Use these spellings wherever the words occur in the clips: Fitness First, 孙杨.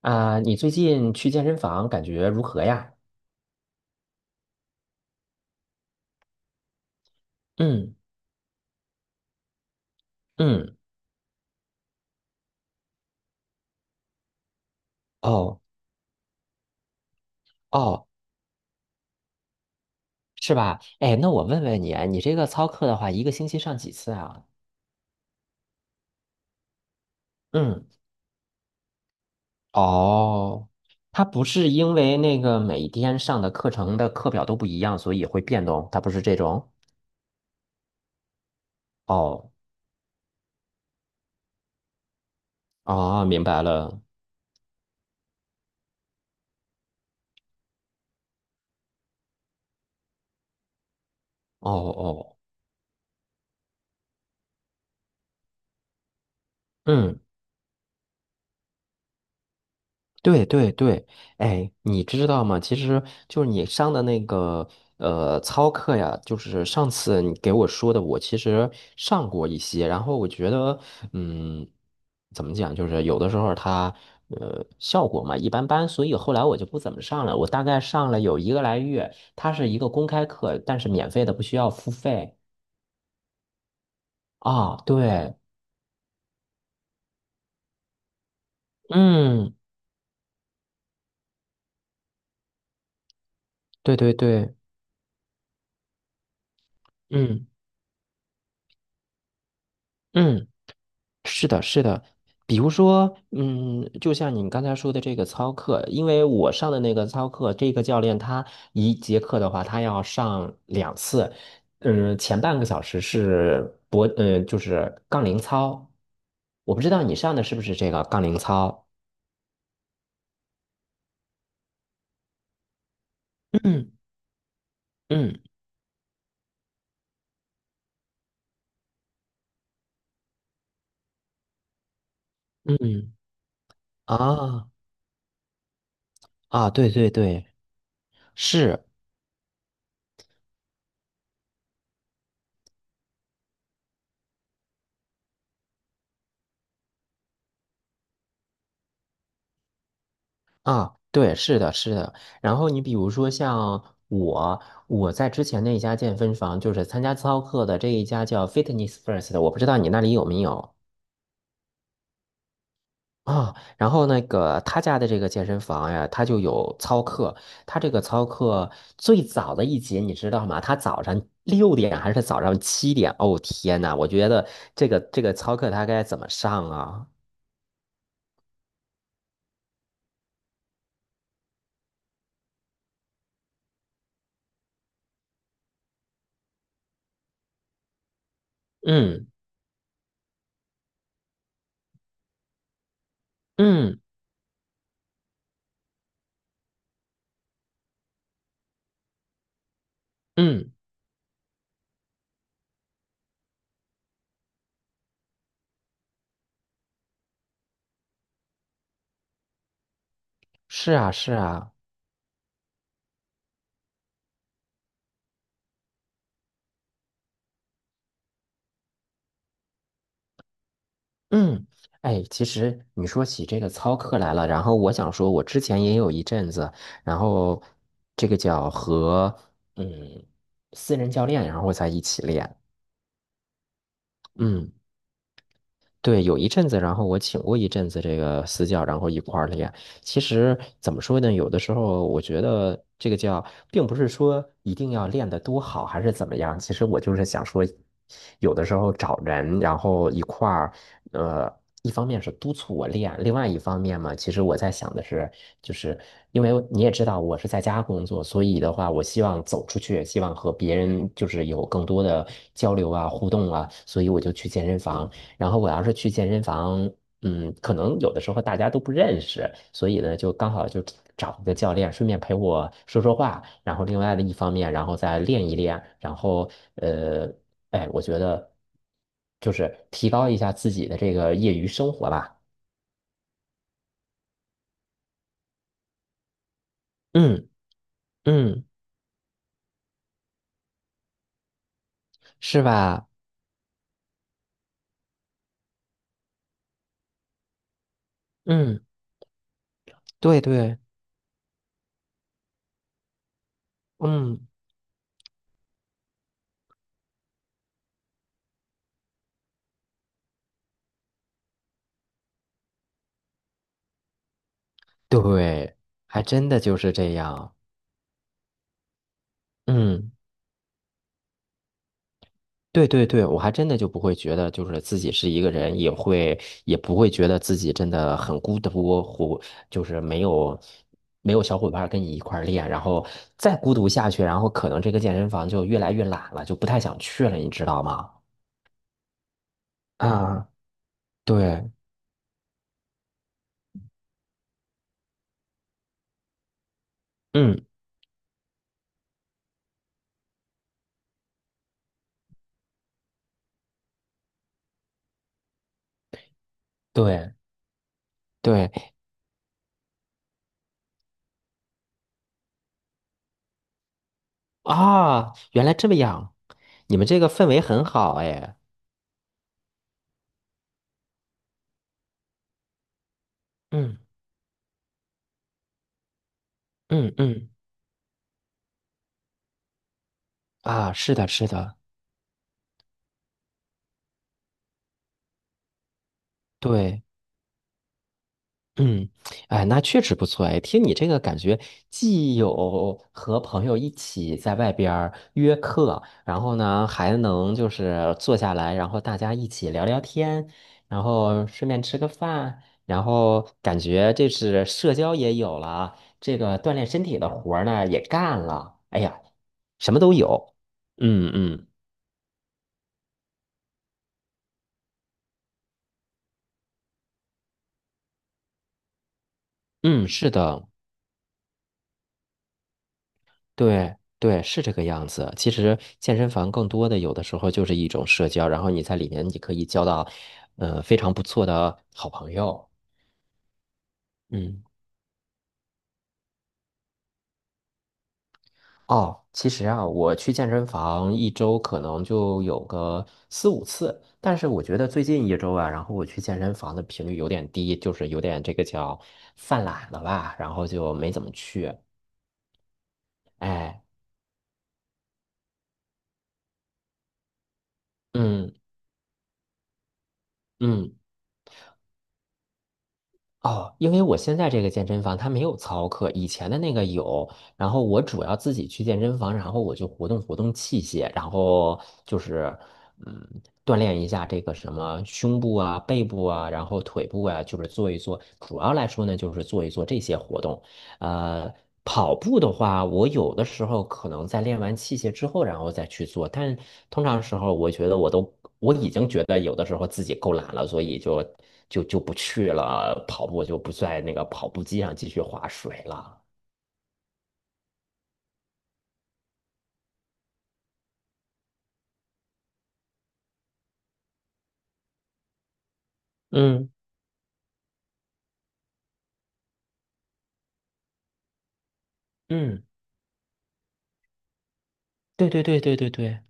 啊，你最近去健身房感觉如何呀？嗯嗯，哦哦，是吧？哎，那我问问你啊，你这个操课的话，一个星期上几次啊？嗯，哦，它不是因为那个每天上的课程的课表都不一样，所以会变动，它不是这种。哦，哦，明白了。哦哦，嗯。对对对，哎，你知道吗？其实就是你上的那个操课呀，就是上次你给我说的，我其实上过一些，然后我觉得，嗯，怎么讲，就是有的时候它效果嘛一般般，所以后来我就不怎么上了。我大概上了有一个来月，它是一个公开课，但是免费的，不需要付费啊。对，嗯，对对对，嗯嗯。是的，是的，比如说，嗯，就像你刚才说的这个操课，因为我上的那个操课，这个教练他一节课的话，他要上两次，前半个小时是脖，就是杠铃操，我不知道你上的是不是这个杠铃操，嗯嗯嗯，啊啊，对对对，是。啊，对，是的，是的。然后你比如说像我，我在之前那一家健身房，就是参加操课的这一家叫 Fitness First 我不知道你那里有没有啊。然后那个他家的这个健身房呀，他就有操课。他这个操课最早的一节你知道吗？他早上六点还是早上七点？哦天呐，我觉得这个操课他该怎么上啊？嗯嗯嗯，是啊是啊。嗯，哎，其实你说起这个操课来了，然后我想说，我之前也有一阵子，然后这个叫和嗯私人教练，然后在一起练，嗯。对，有一阵子，然后我请过一阵子这个私教，然后一块儿练。其实怎么说呢，有的时候我觉得这个叫，并不是说一定要练得多好，还是怎么样。其实我就是想说，有的时候找人，然后一块儿，呃，一方面是督促我练，另外一方面嘛，其实我在想的是，就是因为你也知道我是在家工作，所以的话，我希望走出去，希望和别人就是有更多的交流啊、互动啊，所以我就去健身房。然后我要是去健身房，可能有的时候大家都不认识，所以呢，就刚好就找一个教练，顺便陪我说说话，然后另外的一方面，然后再练一练，然后呃，哎，我觉得就是提高一下自己的这个业余生活吧。嗯嗯，是吧？嗯，对对，嗯对，还真的就是这样。嗯。对对对，我还真的就不会觉得就是自己是一个人，也不会觉得自己真的很孤独，或就是没有小伙伴儿跟你一块儿练，然后再孤独下去，然后可能这个健身房就越来越懒了，就不太想去了，你知道吗？啊，对，嗯，对对啊，原来这么样，你们这个氛围很好哎，嗯嗯嗯，啊，是的，是的，对。嗯，哎，那确实不错哎。听你这个感觉，既有和朋友一起在外边儿约课，然后呢，还能就是坐下来，然后大家一起聊聊天，然后顺便吃个饭，然后感觉这是社交也有了，这个锻炼身体的活儿呢也干了。哎呀，什么都有。嗯嗯嗯，是的。对对，是这个样子。其实健身房更多的有的时候就是一种社交，然后你在里面你可以交到，非常不错的好朋友。嗯，哦，其实啊，我去健身房一周可能就有个四五次，但是我觉得最近一周啊，然后我去健身房的频率有点低，就是有点这个叫犯懒了吧，然后就没怎么去。哎，嗯嗯。哦，因为我现在这个健身房它没有操课，以前的那个有。然后我主要自己去健身房，然后我就活动活动器械，然后就是嗯，锻炼一下这个什么胸部啊、背部啊，然后腿部啊，就是做一做。主要来说呢，就是做一做这些活动。呃，跑步的话，我有的时候可能在练完器械之后，然后再去做，但通常时候，我觉得我已经觉得有的时候自己够懒了，所以就不去了跑步，就不在那个跑步机上继续划水了。嗯，嗯，对对对对对对。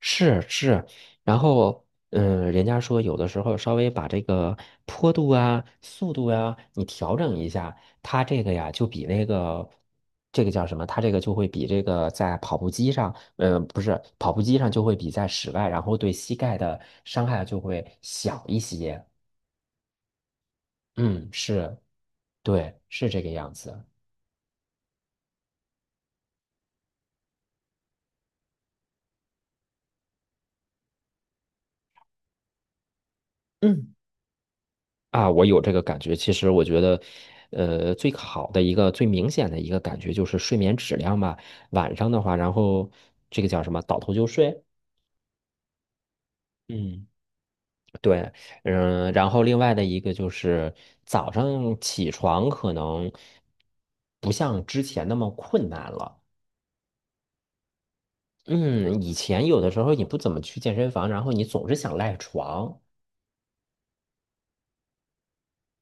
是是，然后人家说有的时候稍微把这个坡度啊、速度啊，你调整一下，它这个呀就比那个这个叫什么？它这个就会比这个在跑步机上，不是跑步机上就会比在室外，然后对膝盖的伤害就会小一些。嗯，是，对，是这个样子。嗯。啊，我有这个感觉。其实我觉得，最好的一个最明显的一个感觉就是睡眠质量吧。晚上的话，然后这个叫什么，倒头就睡。嗯，对，然后另外的一个就是早上起床可能不像之前那么困难了。嗯，以前有的时候你不怎么去健身房，然后你总是想赖床。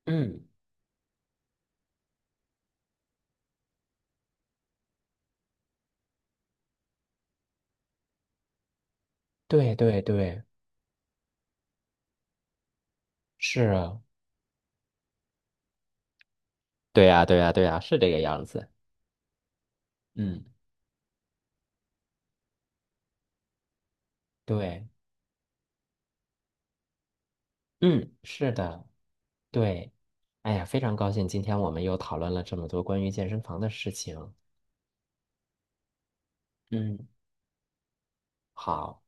嗯，对对对，是啊对呀，对呀，对呀，是这个样子。嗯，对。嗯，是的，对。哎呀，非常高兴今天我们又讨论了这么多关于健身房的事情。嗯，好，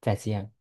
再见。